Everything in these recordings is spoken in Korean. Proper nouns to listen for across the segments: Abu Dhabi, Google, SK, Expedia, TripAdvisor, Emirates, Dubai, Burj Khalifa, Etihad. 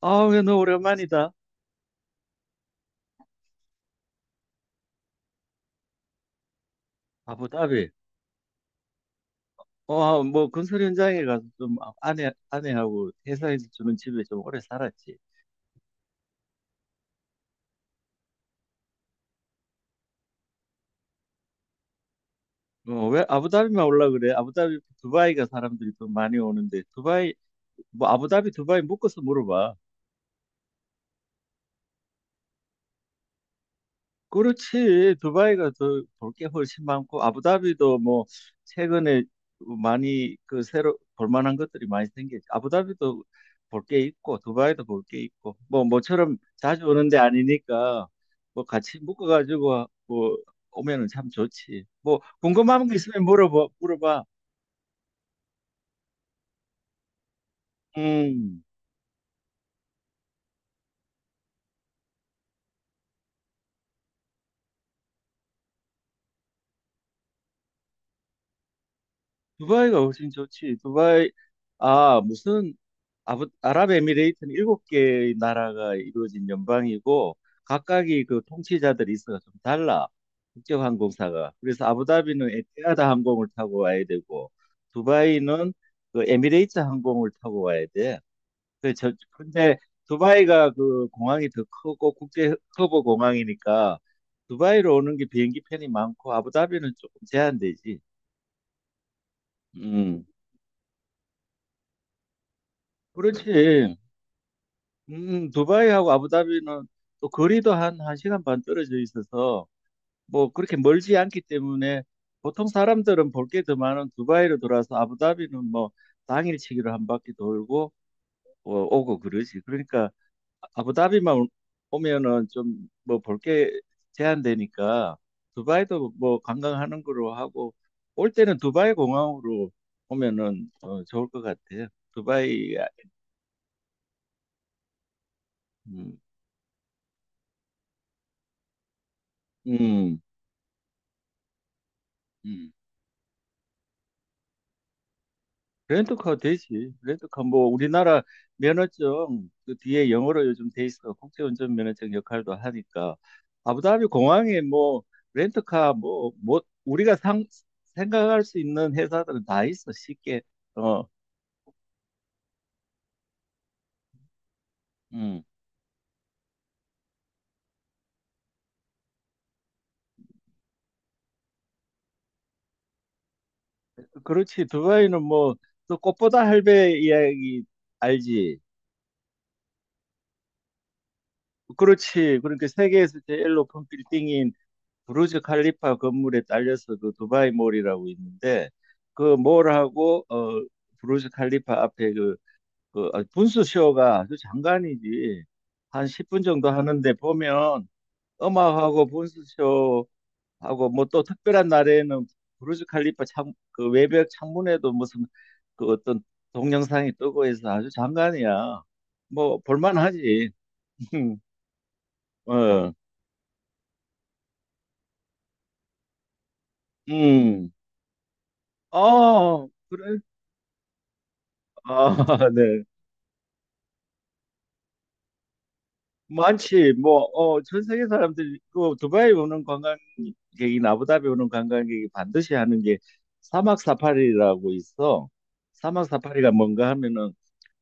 아, 왜 너 오랜만이다. 아부다비. 어, 아, 뭐 건설 현장에 가서 좀 아내 아내하고 회사에서 주는 집에 좀 오래 살았지. 어, 왜 아부다비만 올라 그래? 아부다비 두바이가 사람들이 좀 많이 오는데, 두바이 뭐 아부다비 두바이 묶어서 물어봐. 그렇지. 두바이가 더 볼 게 훨씬 많고 아부다비도 뭐 최근에 많이 그 새로 볼 만한 것들이 많이 생겼지. 아부다비도 볼 게 있고 두바이도 볼 게 있고, 뭐 모처럼 자주 오는 데 아니니까 뭐 같이 묶어 가지고 뭐 오면은 참 좋지. 뭐 궁금한 거 있으면 물어봐. 물어봐. 음. 두바이가 훨씬 좋지. 두바이, 아, 무슨, 아랍에미레이트는 일곱 개의 나라가 이루어진 연방이고, 각각이 그 통치자들 이스가 좀 달라. 국제항공사가. 그래서 아부다비는 에티하드 항공을 타고 와야 되고, 두바이는 그 에미레이트 항공을 타고 와야 돼. 그 저, 근데 두바이가 그 공항이 더 크고 국제 커버 공항이니까 두바이로 오는 게 비행기 편이 많고, 아부다비는 조금 제한되지. 음. 그렇지. 두바이하고 아부다비는 또 거리도 한 시간 반 떨어져 있어서 뭐 그렇게 멀지 않기 때문에 보통 사람들은 볼 게 더 많은 두바이로 돌아서 아부다비는 뭐 당일치기로 한 바퀴 돌고 어, 오고 그러지. 그러니까 아부다비만 오면은 좀 뭐 볼 게 제한되니까 두바이도 뭐 관광하는 거로 하고 올 때는 두바이 공항으로 오면은 어, 좋을 것 같아요. 두바이, 음, 음, 음. 렌터카 되지. 렌터카 뭐 우리나라 면허증 그 뒤에 영어로 요즘 돼 있어. 국제운전 면허증 역할도 하니까 아부다비 공항에 뭐 렌터카 뭐 우리가 상 생각할 수 있는 회사들은 다 있어. 쉽게. 어, 음. 그렇지. 두바이는 뭐 또 꽃보다 할배 이야기 알지? 그렇지. 그러니까 세계에서 제일 높은 빌딩인 부르즈 칼리파 건물에 딸려서 그 두바이 몰이라고 있는데, 그 몰하고 어 부르즈 칼리파 앞에 그 아, 분수 쇼가 아주 장관이지. 한 10분 정도 하는데 보면 음악하고 분수 쇼하고 뭐 또 특별한 날에는 부르즈 칼리파 그 외벽 창문에도 무슨 그 어떤 동영상이 뜨고 해서 아주 장관이야. 뭐 볼만하지. 어. 음. 어. 그래. 아, 네. 많지. 뭐, 어, 전 세계 사람들이, 그, 두바이 오는 관광객이, 아부다비 오는 관광객이 반드시 하는 게 사막 사파리라고 있어. 사막 사파리가 뭔가 하면은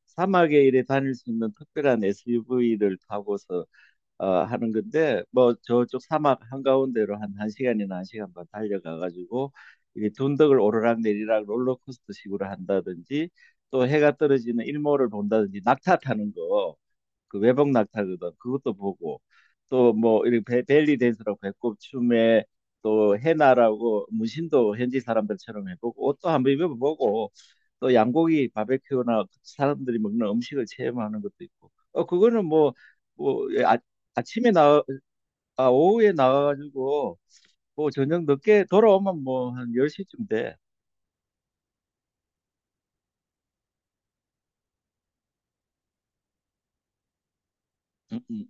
사막에 이래 다닐 수 있는 특별한 SUV를 타고서 어, 하는 건데, 뭐, 저쪽 사막 한가운데로 한 1시간이나 1시간 반 달려가가지고, 이 둔덕을 오르락내리락 롤러코스터 식으로 한다든지, 또 해가 떨어지는 일몰을 본다든지, 낙타 타는 거. 그 외복 낙타거든. 그것도 보고 또 뭐 이렇게 벨리 댄스라고 배꼽 춤에 또 해나라고 문신도 현지 사람들처럼 해보고 옷도 한번 입어보고 또 양고기 바베큐나 사람들이 먹는 음식을 체험하는 것도 있고. 어 그거는 뭐뭐 예, 아, 아침에 나 아, 오후에 나가가지고 뭐 저녁 늦게 돌아오면 뭐 한 10시쯤 돼. 음, 음.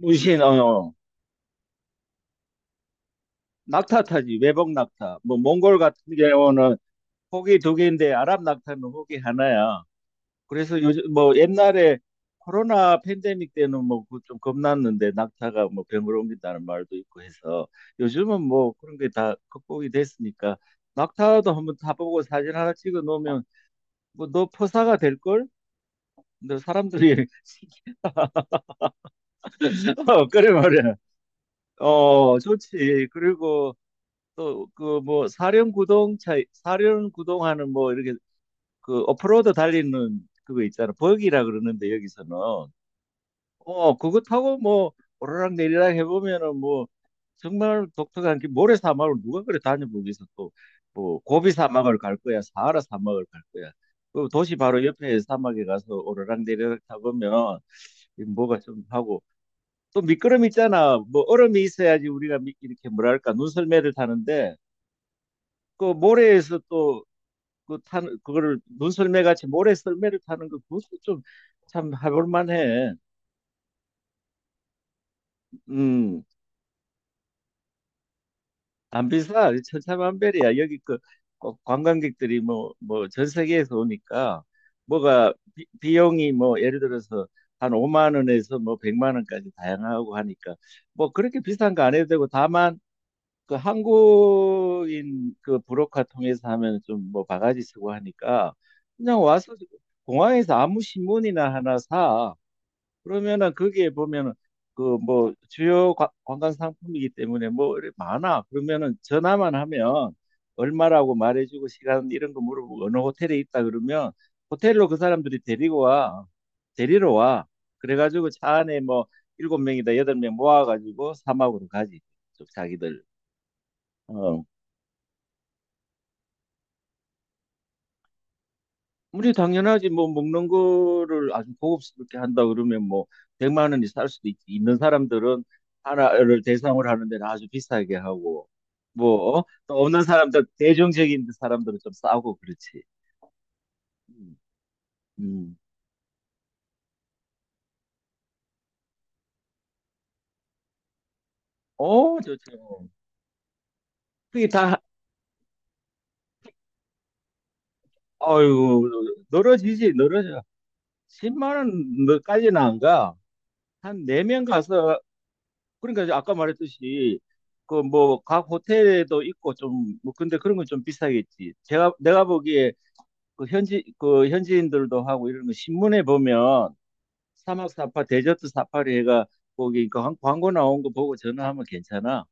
문신 어, 어. 낙타 타지 외복 낙타 뭐 몽골 같은 경우는 호기 두 개인데 아랍 낙타는 호기 하나야. 그래서 요즘 뭐 옛날에 코로나 팬데믹 때는 뭐 그 좀 겁났는데, 낙타가 뭐 병으로 옮긴다는 말도 있고 해서 요즘은 뭐 그런 게 다 극복이 됐으니까 낙타도 한번 타보고 사진 하나 찍어 놓으면 뭐 너 포사가 될 걸? 근데 사람들이 어, 그래 말이야. 어 좋지. 그리고 또 그 뭐 사륜구동차 사륜구동하는 뭐 이렇게 그 오프로드 달리는 그거 있잖아. 버기라 그러는데 여기서는 어 그거 타고 뭐 오르락 내리락 해보면은 뭐 정말 독특한 게 모래 사막을 누가 그래 다녀보기서 또뭐 고비 사막을 갈 거야 사하라 사막을 갈 거야. 그 도시 바로 옆에 사막에 가서 오르락 내리락 타보면 이 뭐가 좀 하고 또 미끄럼 있잖아. 뭐 얼음이 있어야지 우리가 이렇게 뭐랄까 눈썰매를 타는데 그 모래에서 또 그 타는 그거를 눈 썰매 같이 모래 썰매를 타는 거, 그것도 좀 참 해볼 만해. 음, 안 비싸. 천차만별이야. 여기 그 꼭 관광객들이 뭐 전 세계에서 오니까 뭐가 비용이 뭐 예를 들어서 한 5만 원에서 뭐 100만 원까지 다양하고 하니까 뭐 그렇게 비싼 거 안 해도 되고, 다만 그 한국인 그 브로커 통해서 하면 좀 뭐 바가지 쓰고 하니까 그냥 와서 공항에서 아무 신문이나 하나 사. 그러면은 거기에 보면은 그 뭐 주요 관광 상품이기 때문에 뭐 이래 많아. 그러면은 전화만 하면 얼마라고 말해주고 시간 이런 거 물어보고 어느 호텔에 있다 그러면 호텔로 그 사람들이 데리고 와. 데리러 와. 그래가지고 차 안에 뭐 일곱 명이다 여덟 명 모아가지고 사막으로 가지. 좀 자기들. 어. 우리 당연하지 뭐 먹는 거를 아주 고급스럽게 한다 그러면 뭐 100만 원이 살 수도 있는 사람들은 하나를 대상으로 하는 데는 아주 비싸게 하고 뭐 어? 또 없는 사람들 대중적인 사람들은 좀 싸고 그렇지. 음. 음. 어, 좋죠. 그게 다 아이고 늘어지지 늘어져. 10만 원까지는 안 가. 한 네 명 가서. 그러니까 이제 아까 말했듯이 그 뭐 각 호텔에도 있고 좀 뭐, 근데 그런 건 좀 비싸겠지. 제가 내가 보기에 그 현지 그 현지인들도 하고 이런 거 신문에 보면 사막 사파 데저트 사파리 해가 거기 그 광고 나온 거 보고 전화하면 괜찮아.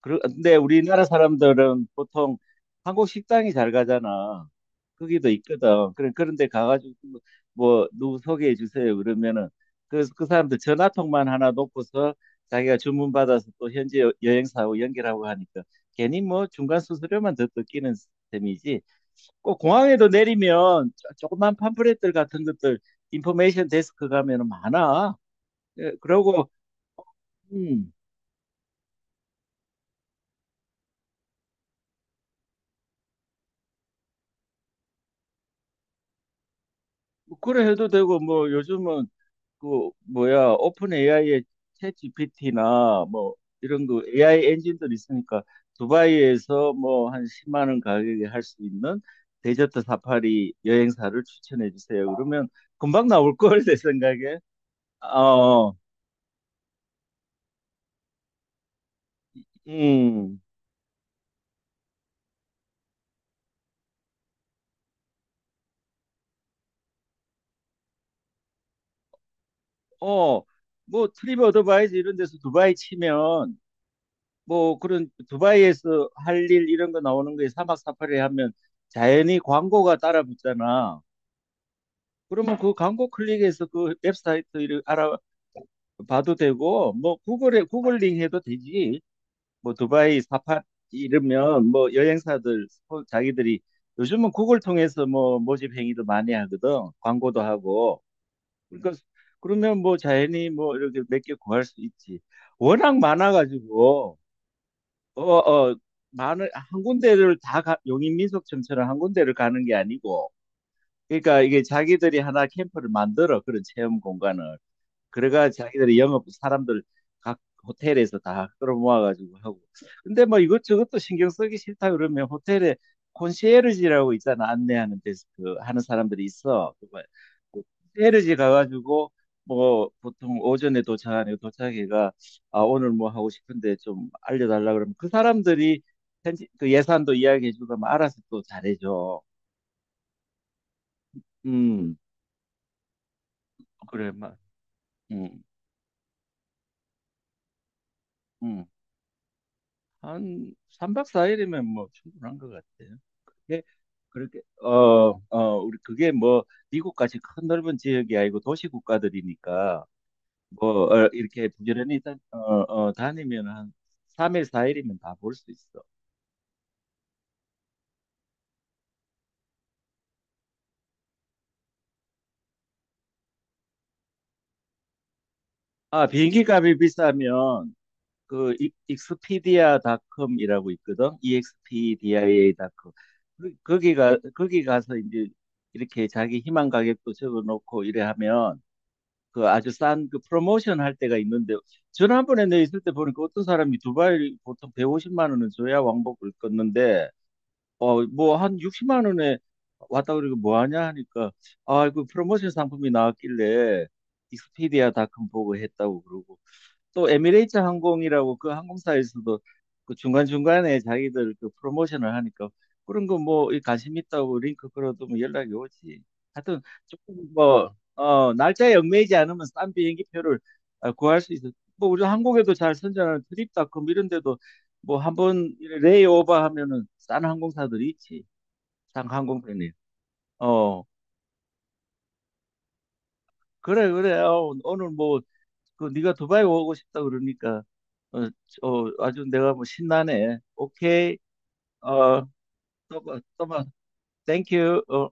그런데 우리나라 사람들은 보통 한국 식당이 잘 가잖아. 거기도 있거든. 그래, 그런데 가가지고 뭐 누구 소개해 주세요. 그러면은 그 사람들 전화통만 하나 놓고서 자기가 주문 받아서 또 현지 여행사하고 연결하고 하니까 괜히 뭐 중간 수수료만 더 뜯기는 셈이지. 꼭 공항에도 내리면 조그만 팜플렛들 같은 것들, 인포메이션 데스크 가면은 많아. 예, 그러고 음, 뭐 그래 해도 되고 뭐 요즘은 그 뭐야 오픈 AI의 챗 GPT나 뭐 이런 그 AI 엔진들이 있으니까 두바이에서 뭐 한 10만 원 가격에 할 수 있는 데저트 사파리 여행사를 추천해 주세요. 그러면 금방 나올 걸 내 생각에. 아, 어, 음, 어, 뭐 트립 어드바이즈 이런 데서 두바이 치면 뭐 그런 두바이에서 할 일 이런 거 나오는 거에 사막 사파리 하면 자연히 광고가 따라 붙잖아. 그러면 그 광고 클릭해서 그 웹사이트 를 알아봐도 되고 뭐 구글에 구글링 해도 되지. 뭐 두바이 사파 이러면 뭐 여행사들 자기들이 요즘은 구글 통해서 뭐 모집 행위도 많이 하거든. 광고도 하고 그러니까 그러면 뭐 자연히 뭐 이렇게 몇 개 구할 수 있지. 워낙 많아가지고. 어어 많은 한 군데를 다 용인민속촌처럼 한 군데를 가는 게 아니고 그러니까 이게 자기들이 하나 캠프를 만들어 그런 체험 공간을, 그래가 자기들이 영업 사람들 각 호텔에서 다 끌어모아가지고 하고. 근데 뭐 이것저것도 신경 쓰기 싫다 그러면 호텔에 콘시에르지라고 있잖아. 안내하는 데스크 하는 사람들이 있어. 그뭐 콘시에르지 가가지고 뭐 보통 오전에 도착하니까 도착해가 아 오늘 뭐 하고 싶은데 좀 알려달라 그러면 그 사람들이 그 예산도 이야기해주고 하면 알아서 또 잘해줘. 음, 그래, 막. 음, 음. 한 3박 4일이면 뭐 충분한 것 같아요. 그게 그렇게 우리 그게 뭐 미국까지 큰 넓은 지역이 아니고 도시 국가들이니까 뭐 어, 이렇게 부지런히 다니면 한 3일 4일이면 다 볼 수 있어. 아, 비행기 값이 비싸면 그 익스피디아닷컴이라고 있거든. EXPDIA.com. 거기 가 거기 가서 이제 이렇게 자기 희망 가격도 적어 놓고 이래 하면 그 아주 싼 그 프로모션 할 때가 있는데 지난번에 내 있을 때 보니까 어떤 사람이 두바이 보통 150만 원은 줘야 왕복을 껐는데 어 뭐 한 60만 원에 왔다 그러고 뭐 하냐 하니까 아 그 프로모션 상품이 나왔길래 익스피디아 닷컴 보고 했다고 그러고, 또 에미레이트 항공이라고 그 항공사에서도 그 중간중간에 자기들 그 프로모션을 하니까 그런 거 뭐 관심 있다고 링크 걸어두면 연락이 오지. 하여튼 조금 뭐, 어, 날짜에 얽매이지 않으면 싼 비행기표를 아, 구할 수 있어. 뭐 우리 한국에도 잘 선전하는 트립닷컴 이런 데도 뭐 한번 레이오버 하면은 싼 항공사들이 있지. 싼 항공편이. 어, 그래, 그래. 어, 오늘 뭐 그 네가 두바이 오고 싶다 그러니까 어, 어 아주 내가 뭐 신나네. 오케이. 어, 또 봐, 또 봐. 땡큐. 어.